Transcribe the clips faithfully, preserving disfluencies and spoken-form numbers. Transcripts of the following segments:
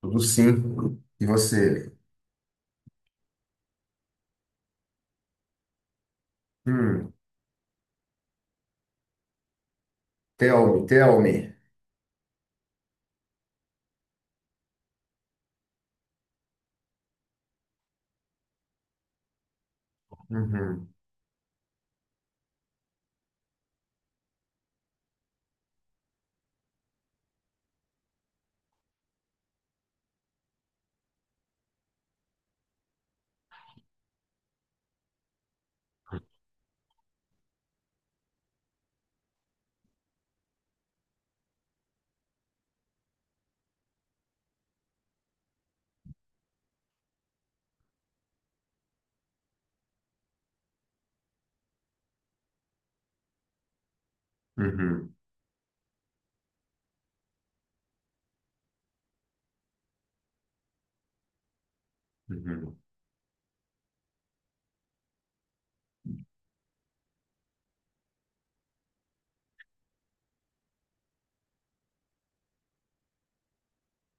Tudo sim. E você? Hum. Tell me, tell me. Uhum, uhum, uhum.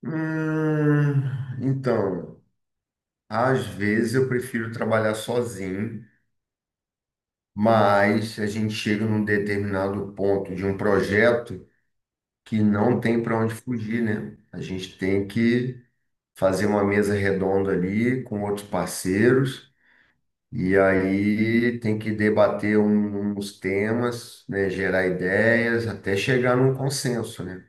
Hum, então, às vezes eu prefiro trabalhar sozinho, mas a gente chega num determinado ponto de um projeto que não tem para onde fugir, né? A gente tem que fazer uma mesa redonda ali com outros parceiros. E aí tem que debater um- uns temas, né, gerar ideias, até chegar num consenso, né?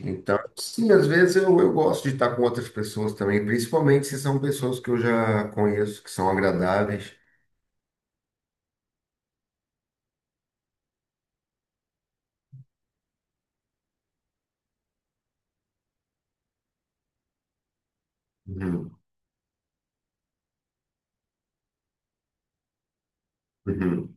Então, sim, às vezes eu, eu gosto de estar com outras pessoas também, principalmente se são pessoas que eu já conheço, que são agradáveis. Uhum, uhum.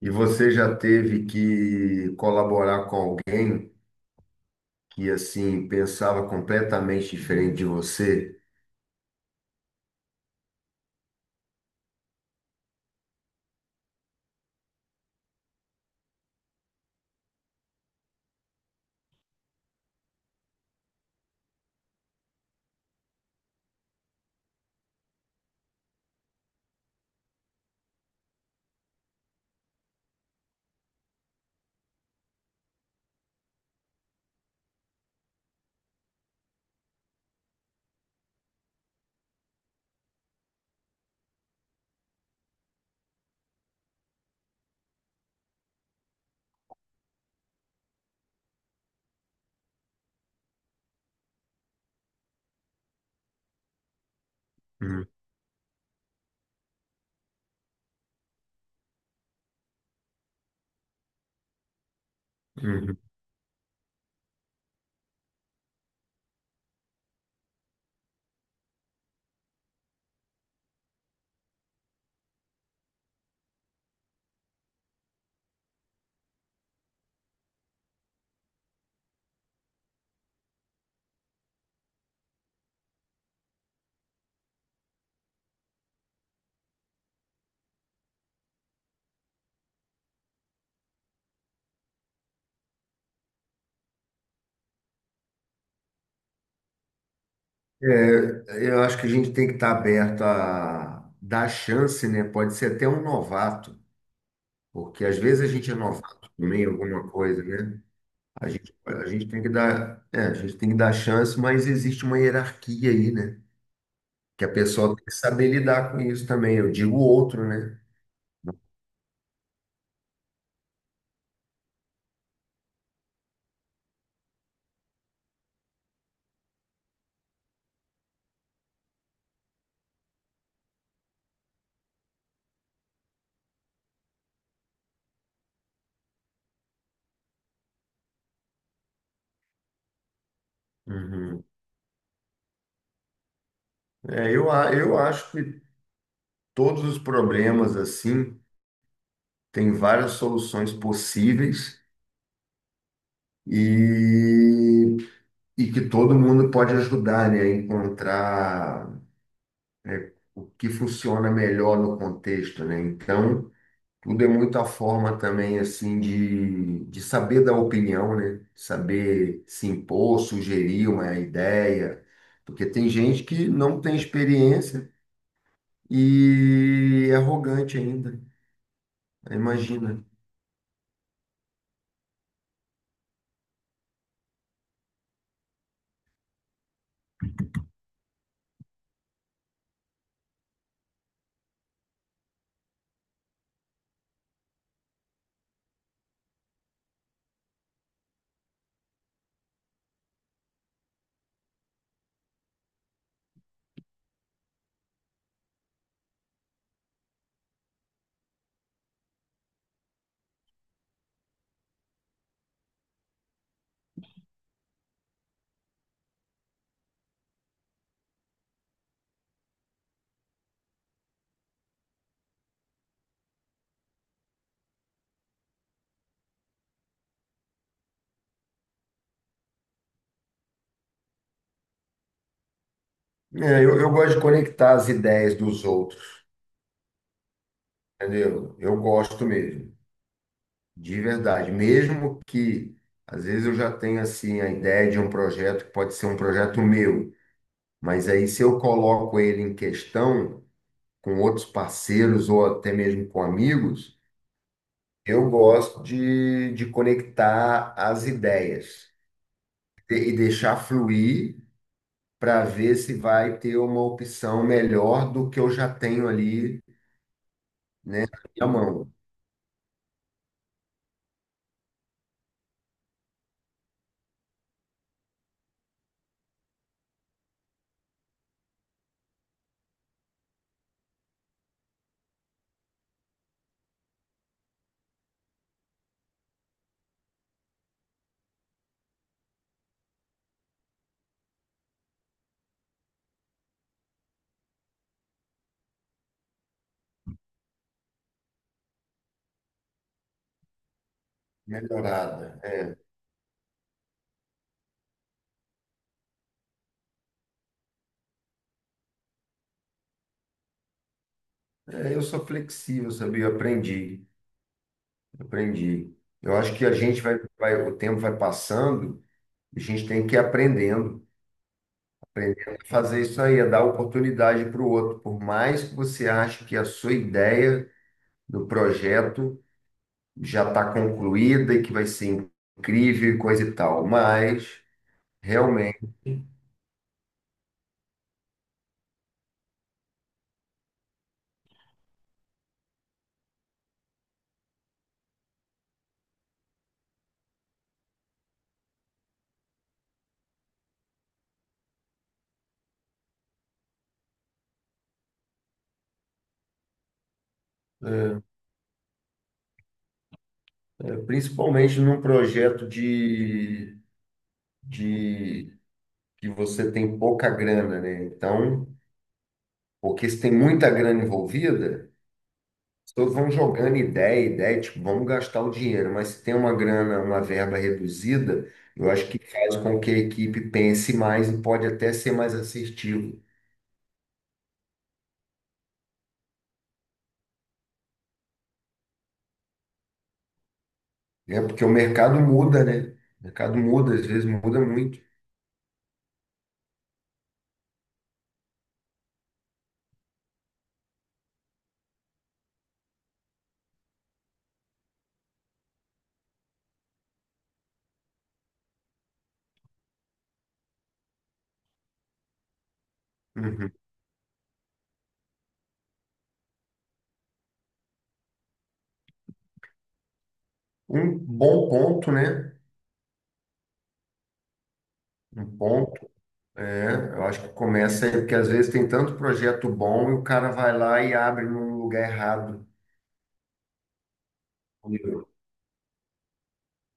E você já teve que colaborar com alguém que, assim, pensava completamente diferente de você? Uhum, uhum. É, eu acho que a gente tem que estar aberto a dar chance, né? Pode ser até um novato, porque às vezes a gente é novato também em alguma coisa, né? A gente, a gente tem que dar, é, a gente tem que dar chance, mas existe uma hierarquia aí, né? Que a pessoa tem que saber lidar com isso também. Eu digo o outro, né? Uhum. É, eu, a- eu acho que todos os problemas, assim, têm várias soluções possíveis e E que todo mundo pode ajudar, né, a encontrar, né, o que funciona melhor no contexto, né? Então, tudo é muita forma também, assim, de, de saber dar opinião, né? Saber se impor, sugerir uma ideia, porque tem gente que não tem experiência e é arrogante ainda, imagina. É, eu, eu gosto de conectar as ideias dos outros, entendeu? Eu gosto mesmo. De verdade, mesmo que às vezes eu já tenho assim a ideia de um projeto que pode ser um projeto meu, mas aí se eu coloco ele em questão com outros parceiros ou até mesmo com amigos, eu gosto de, de conectar as ideias e e deixar fluir para ver se vai ter uma opção melhor do que eu já tenho ali na mão, melhorada. É, É, eu sou flexível, sabia? Eu aprendi. Aprendi. Eu acho que a gente vai, vai, o tempo vai passando, a gente tem que ir aprendendo, aprendendo a fazer isso aí, a dar oportunidade para o outro. Por mais que você ache que a sua ideia do projeto já está concluída e que vai ser incrível e coisa e tal, mas realmente, é, principalmente num projeto de, de que você tem pouca grana, né? Então, porque se tem muita grana envolvida. Todos vão jogando ideia, ideia, tipo, vamos gastar o dinheiro, mas se tem uma grana, uma verba reduzida, eu acho que faz com que a equipe pense mais e pode até ser mais assertivo, né? Porque o mercado muda, né? O mercado muda, às vezes muda muito. Uhum. Um bom ponto, né? Um ponto, é, eu acho que começa aí, porque às vezes tem tanto projeto bom e o cara vai lá e abre num lugar errado.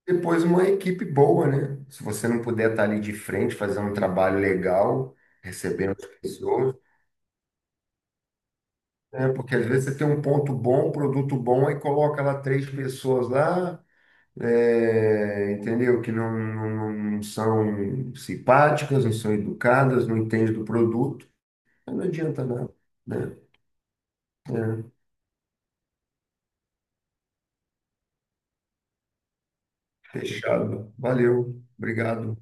Depois uma equipe boa, né? Se você não puder estar ali de frente, fazer um trabalho legal, recebendo as pessoas, né? Porque às vezes você tem um ponto bom, um produto bom, aí coloca lá três pessoas lá, é, entendeu? Que não, não, não são simpáticas, não são educadas, não entendem do produto, aí não adianta nada, né? É, fechado. Valeu, obrigado.